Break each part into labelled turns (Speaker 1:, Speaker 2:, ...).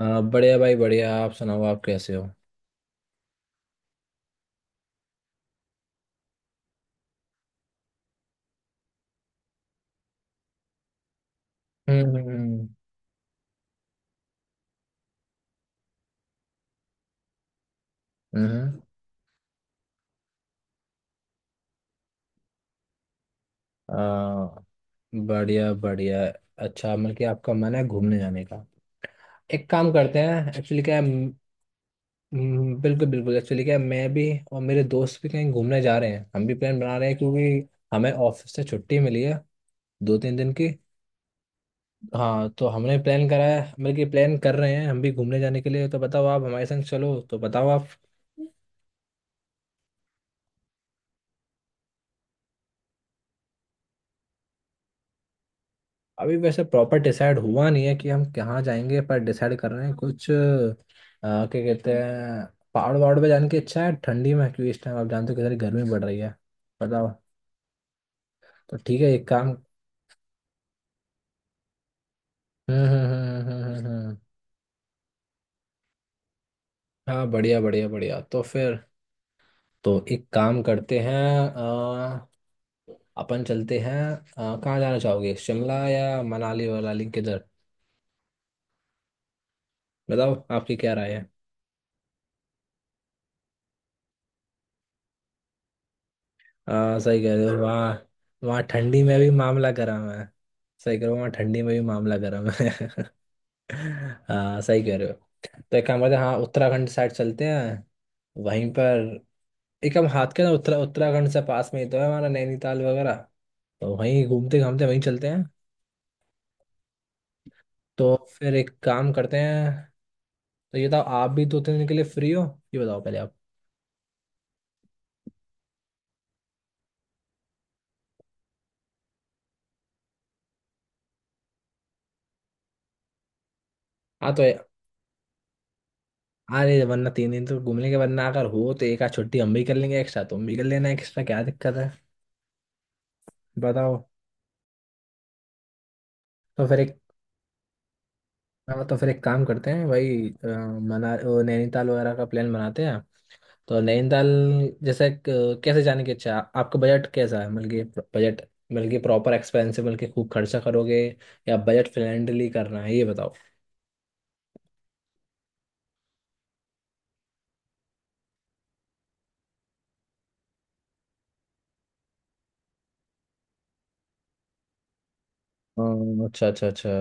Speaker 1: बढ़िया भाई बढ़िया। आप सुनाओ, आप कैसे हो। हम्म हम्म, हम्म। अ, बढ़िया बढ़िया। अच्छा मतलब कि आपका मन है घूमने जाने का। एक काम करते हैं, एक्चुअली क्या है। बिल्कुल बिल्कुल। एक्चुअली क्या है, मैं भी और मेरे दोस्त भी कहीं घूमने जा रहे हैं, हम भी प्लान बना रहे हैं क्योंकि हमें ऑफिस से छुट्टी मिली है 2-3 दिन की। हाँ तो हमने प्लान करा है मतलब कि प्लान कर रहे हैं हम भी घूमने जाने के लिए। तो बताओ आप हमारे संग चलो, तो बताओ आप। अभी वैसे प्रॉपर डिसाइड हुआ नहीं है कि हम कहाँ जाएंगे, पर डिसाइड कर रहे हैं कुछ क्या कहते हैं, पहाड़ वहाड़ पे जाने की इच्छा है ठंडी में, क्योंकि इस टाइम आप जानते हो कितनी गर्मी बढ़ रही है। बताओ। तो ठीक है, एक काम। हम्म। हाँ बढ़िया बढ़िया बढ़िया। तो फिर तो एक काम करते हैं, अ, अपन चलते हैं, कहाँ जाना चाहोगे शिमला या मनाली वनाली किधर। बताओ आपकी क्या राय है। हाँ सही कह रहे हो वहाँ वहाँ ठंडी में भी मामला गर्म है। सही कह रहे हो वहाँ ठंडी में भी मामला गर्म है हाँ सही कह रहे हो। तो एक काम करते हैं, हाँ उत्तराखंड साइड चलते हैं वहीं पर। एक हम हाथ के ना उत्तराखंड से पास में ही तो है हमारा नैनीताल वगैरह। तो वहीं घूमते घामते वहीं चलते हैं। तो फिर एक काम करते हैं। तो ये बताओ आप भी 2-3 दिन के लिए फ्री हो, ये बताओ पहले आप। हाँ तो अरे वरना 3 दिन तो घूम लेंगे, वरना अगर हो तो एक आध छुट्टी हम भी कर लेंगे एक्स्ट्रा, तुम भी कर लेना एक्स्ट्रा, क्या दिक्कत है। बताओ। तो फिर एक। हाँ, तो फिर एक काम करते हैं भाई, मना वो नैनीताल वगैरह का प्लान बनाते हैं। तो नैनीताल जैसे कैसे जाने की इच्छा है, आपका बजट कैसा है, मतलब कि बजट, मतलब कि प्रॉपर एक्सपेंसिव मतलब कि खूब खर्चा करोगे या बजट फ्रेंडली करना है, ये बताओ। अच्छा अच्छा अच्छा।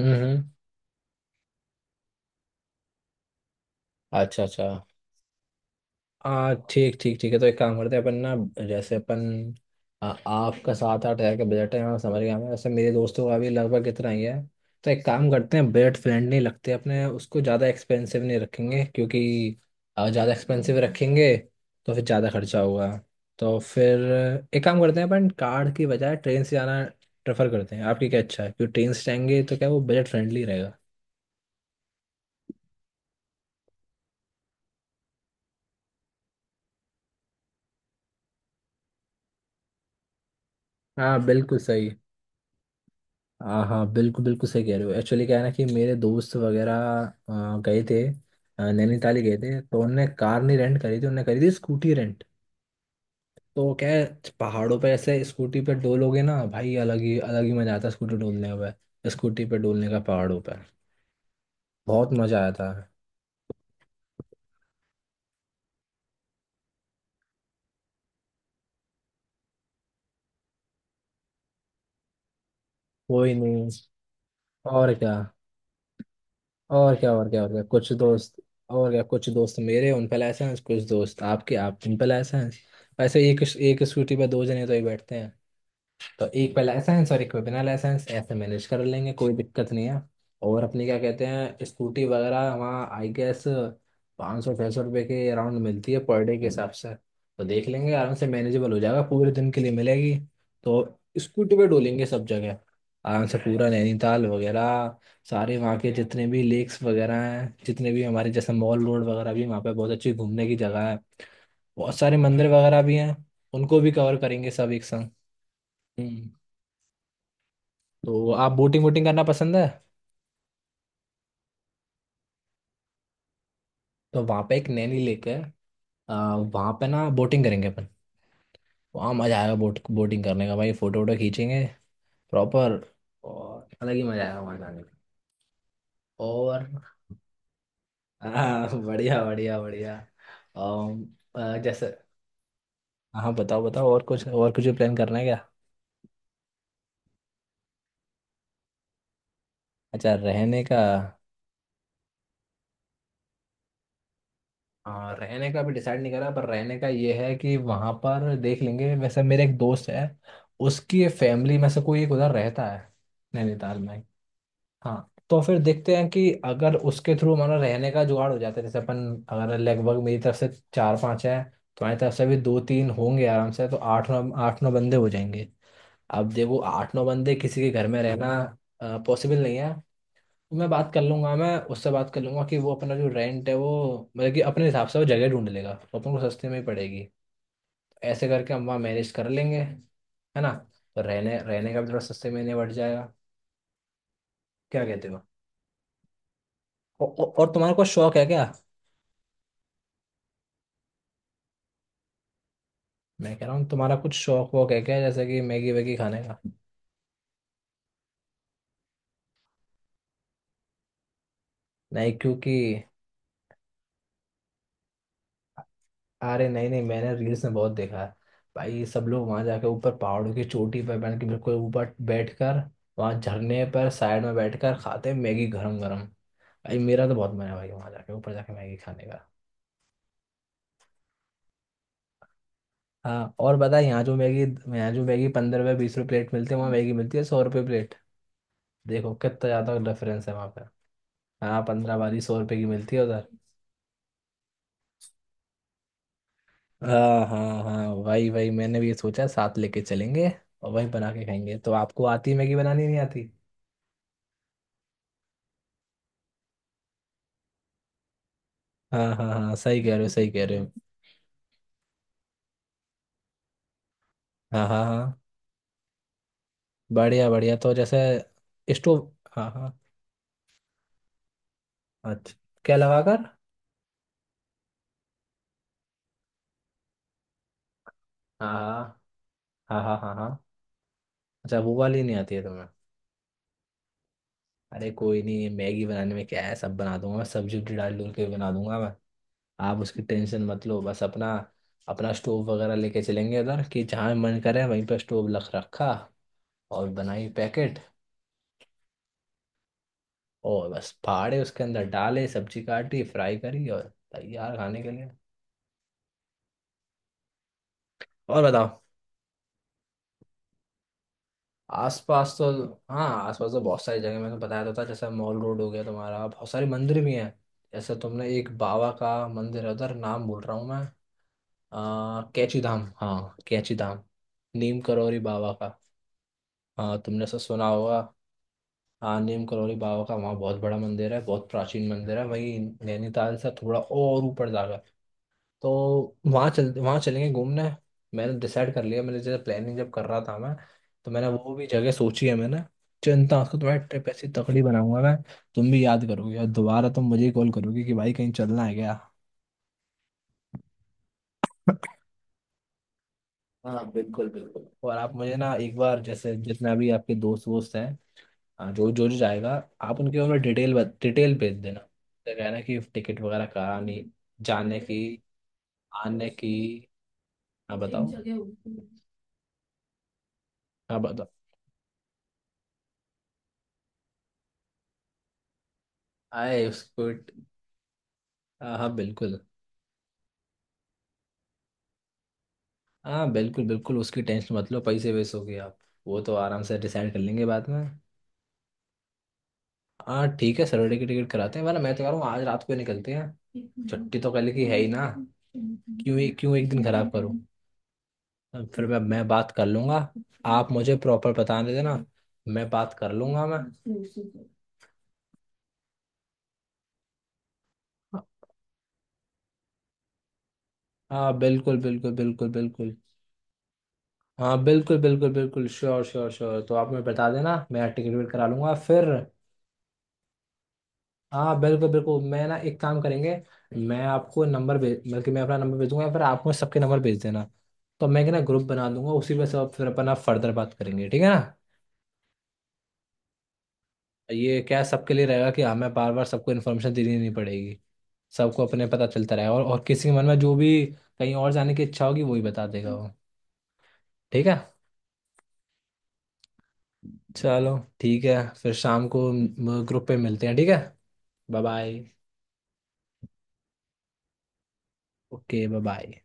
Speaker 1: हम्म हम्म, अच्छा अच्छा। हाँ ठीक ठीक ठीक है। तो एक काम करते हैं अपन ना, जैसे अपन आपका 7-8 हज़ार का बजट है, हाँ समझ गया मैं, वैसे मेरे दोस्तों का भी लगभग इतना ही है। तो एक काम करते हैं बजट फ्रेंडली लगते हैं अपने, उसको ज़्यादा एक्सपेंसिव नहीं रखेंगे क्योंकि ज़्यादा एक्सपेंसिव रखेंगे तो फिर ज़्यादा खर्चा होगा। तो फिर एक काम करते हैं अपन कार की बजाय ट्रेन से जाना प्रेफर करते हैं, आपकी क्या अच्छा है, क्योंकि ट्रेन से जाएंगे तो क्या वो बजट फ्रेंडली रहेगा। हाँ बिल्कुल सही। हाँ हाँ बिल्कुल बिल्कुल सही कह रहे हो, एक्चुअली क्या है ना कि मेरे दोस्त वगैरह गए थे, नैनीताल ही गए थे, तो उनने कार नहीं रेंट करी थी, उनने करी थी स्कूटी रेंट। तो क्या है पहाड़ों पे ऐसे स्कूटी पे डोलोगे ना भाई, अलग ही मजा आता है स्कूटी डोलने में। स्कूटी पे डोलने का पहाड़ों पे बहुत मजा आया था। कोई नहीं। और क्या और क्या कुछ दोस्त। और क्या कुछ दोस्त मेरे उन पे लाइसेंस, कुछ दोस्त आपके आप उन पे लाइसेंस, ऐसे एक एक स्कूटी पे दो जने तो ही बैठते हैं। तो एक पे लाइसेंस और एक पे बिना लाइसेंस ऐसे मैनेज कर लेंगे, कोई दिक्कत नहीं है। और अपनी क्या कहते हैं स्कूटी वगैरह वहाँ आई गेस 500-600 रुपये के अराउंड मिलती है पर डे के हिसाब से। तो देख लेंगे आराम से, मैनेजेबल हो जाएगा, पूरे दिन के लिए मिलेगी। तो स्कूटी पे डोलेंगे सब जगह आराम से, पूरा नैनीताल वगैरह, सारे वहाँ के जितने भी लेक्स वगैरह हैं, जितने भी हमारे जैसे मॉल रोड वगैरह भी वहाँ पे बहुत अच्छी घूमने की जगह है। बहुत सारे मंदिर वगैरह भी हैं, उनको भी कवर करेंगे सब एक संग। हम्म। तो आप बोटिंग वोटिंग करना पसंद है। तो वहाँ पे एक नैनी लेक है, वहाँ पे ना बोटिंग करेंगे अपन। वहाँ मज़ा आएगा बोटिंग करने का भाई, फोटो वोटो खींचेंगे प्रॉपर, और अलग ही मज़ा आएगा वहाँ जाने का। और बढ़िया बढ़िया बढ़िया। अम, जैसे हाँ बताओ बताओ, और कुछ प्लान करना है क्या। अच्छा रहने का। हाँ रहने का भी डिसाइड नहीं करा, पर रहने का ये है कि वहाँ पर देख लेंगे। वैसे मेरे एक दोस्त है, उसकी फैमिली में से कोई एक उधर रहता है नैनीताल में। हाँ तो फिर देखते हैं कि अगर उसके थ्रू हमारा रहने का जुगाड़ हो जाता है, जैसे अपन अगर लगभग मेरी तरफ से 4-5 हैं तो हमारी तरफ से भी 2-3 होंगे आराम से, तो आठ नौ बंदे हो जाएंगे। अब देखो 8-9 बंदे किसी के घर में रहना पॉसिबल नहीं है। तो मैं उससे बात कर लूंगा कि वो अपना जो रेंट है वो मतलब कि अपने हिसाब से वो जगह ढूंढ लेगा तो अपन को सस्ते में ही पड़ेगी। ऐसे करके हम वहाँ मैनेज कर लेंगे है ना। तो रहने रहने का भी थोड़ा सस्ते में निपट जाएगा। क्या कहते हो। और तुम्हारा कुछ शौक है क्या। मैं कह रहा हूँ तुम्हारा कुछ शौक वौक है क्या, जैसे कि मैगी वैगी खाने का। नहीं क्योंकि, अरे नहीं नहीं, मैंने रील्स में बहुत देखा है भाई, सब लोग वहां जाके ऊपर पहाड़ों की चोटी पर बन के बिल्कुल ऊपर बैठ कर वहाँ झरने पर साइड में बैठ कर खाते हैं मैगी गरम गरम। भाई मेरा तो बहुत मन है भाई वहाँ जाके ऊपर जाके मैगी खाने का। हाँ और बता यहाँ जो मैगी 15 रुपये 20 रुपये प्लेट मिलती है, वहाँ मैगी मिलती है 100 रुपये प्लेट। देखो कितना ज़्यादा डिफरेंस है वहाँ पर। हाँ 15 वाली 100 रुपये की मिलती है उधर। हाँ हाँ हाँ, वही वही, मैंने भी ये सोचा साथ लेके चलेंगे और वही बना के खाएंगे। तो आपको आती मैगी बनानी नहीं आती। हाँ हाँ हाँ सही कह रहे हो सही कह रहे हो। हाँ हाँ हाँ बढ़िया बढ़िया। तो जैसे स्टोव, हाँ हाँ। अच्छा, क्या लगा कर। हाँ हाँ हाँ हाँ हाँ। अच्छा वो वाली नहीं आती है तुम्हें। अरे कोई नहीं, ये मैगी बनाने में क्या है, सब बना दूंगा मैं, सब्जी उब्जी डाल डूल के बना दूंगा मैं। आप उसकी टेंशन मत लो, बस अपना अपना स्टोव वगैरह लेके चलेंगे उधर, कि जहाँ मन करे वहीं पर स्टोव रख रखा और बनाई पैकेट और बस फाड़े उसके अंदर डाले, सब्जी काटी, फ्राई करी और तैयार खाने के लिए। और बताओ आसपास तो, हाँ आसपास तो बहुत सारी जगह, मैंने बताया तो था जैसे मॉल रोड हो गया तुम्हारा, बहुत सारे मंदिर भी हैं जैसे तुमने एक बाबा का मंदिर है उधर, नाम बोल रहा हूँ मैं कैची धाम, हाँ कैची धाम, नीम करौरी बाबा का। हाँ तुमने सब सुना होगा। हाँ नीम करौरी बाबा का वहाँ बहुत बड़ा मंदिर है, बहुत प्राचीन मंदिर है वहीं नैनीताल से थोड़ा और ऊपर जाकर। तो वहाँ चलेंगे घूमने। मैंने डिसाइड कर लिया, मैंने जैसे प्लानिंग जब कर रहा था मैं तो मैंने वो भी जगह सोची है मैंने। चिंता उसको तुम्हारी, ट्रिप ऐसी तकड़ी बनाऊंगा मैं, तुम भी याद करोगे और दोबारा तुम मुझे कॉल करोगे कि भाई कहीं चलना है क्या। हाँ बिल्कुल बिल्कुल। और आप मुझे ना एक बार, जैसे जितना भी आपके दोस्त वोस्त हैं, हाँ, जो जो जो जाएगा, आप उनके बारे में डिटेल भेज देना, तो कहना कि टिकट वगैरह करानी जाने की आने की। हाँ बताओ हाँ बताओ। आए उसको, हाँ हाँ बिल्कुल। हाँ बिल्कुल बिल्कुल उसकी टेंशन मत लो, पैसे वैसे हो गए आप वो तो आराम से डिसाइड कर लेंगे बाद में। हाँ ठीक है सैटरडे की टिकट कराते हैं, वरना मैं तो कह रहा हूँ आज रात को ही निकलते हैं, छुट्टी तो कल की है ही ना। क्यों एक दिन खराब करूँ। अब फिर मैं बात कर लूँगा। आप मुझे प्रॉपर बता दे देना, मैं बात कर लूँगा मैं। हाँ बिल्कुल बिल्कुल बिल्कुल बिल्कुल। हाँ बिल्कुल बिल्कुल बिल्कुल श्योर श्योर श्योर। तो आप मुझे बता देना मैं टिकट विकट करा लूँगा फिर। हाँ बिल्कुल बिल्कुल, मैं ना एक काम करेंगे। मैं आपको नंबर भेज बल्कि मैं अपना नंबर भेज दूंगा या फिर आप मुझे सबके नंबर भेज देना, तो मैं क्या ना ग्रुप बना दूंगा उसी पे, सब फिर अपना फर्दर बात करेंगे, ठीक है ना। ये क्या है, सबके लिए रहेगा कि हमें बार बार सबको इन्फॉर्मेशन देनी नहीं पड़ेगी, सबको अपने पता चलता रहेगा, और किसी के मन में जो भी कहीं और जाने की इच्छा होगी वही बता देगा वो। ठीक है। चलो ठीक है। फिर शाम को ग्रुप पे मिलते हैं ठीक है। Bye bye. Okay bye bye.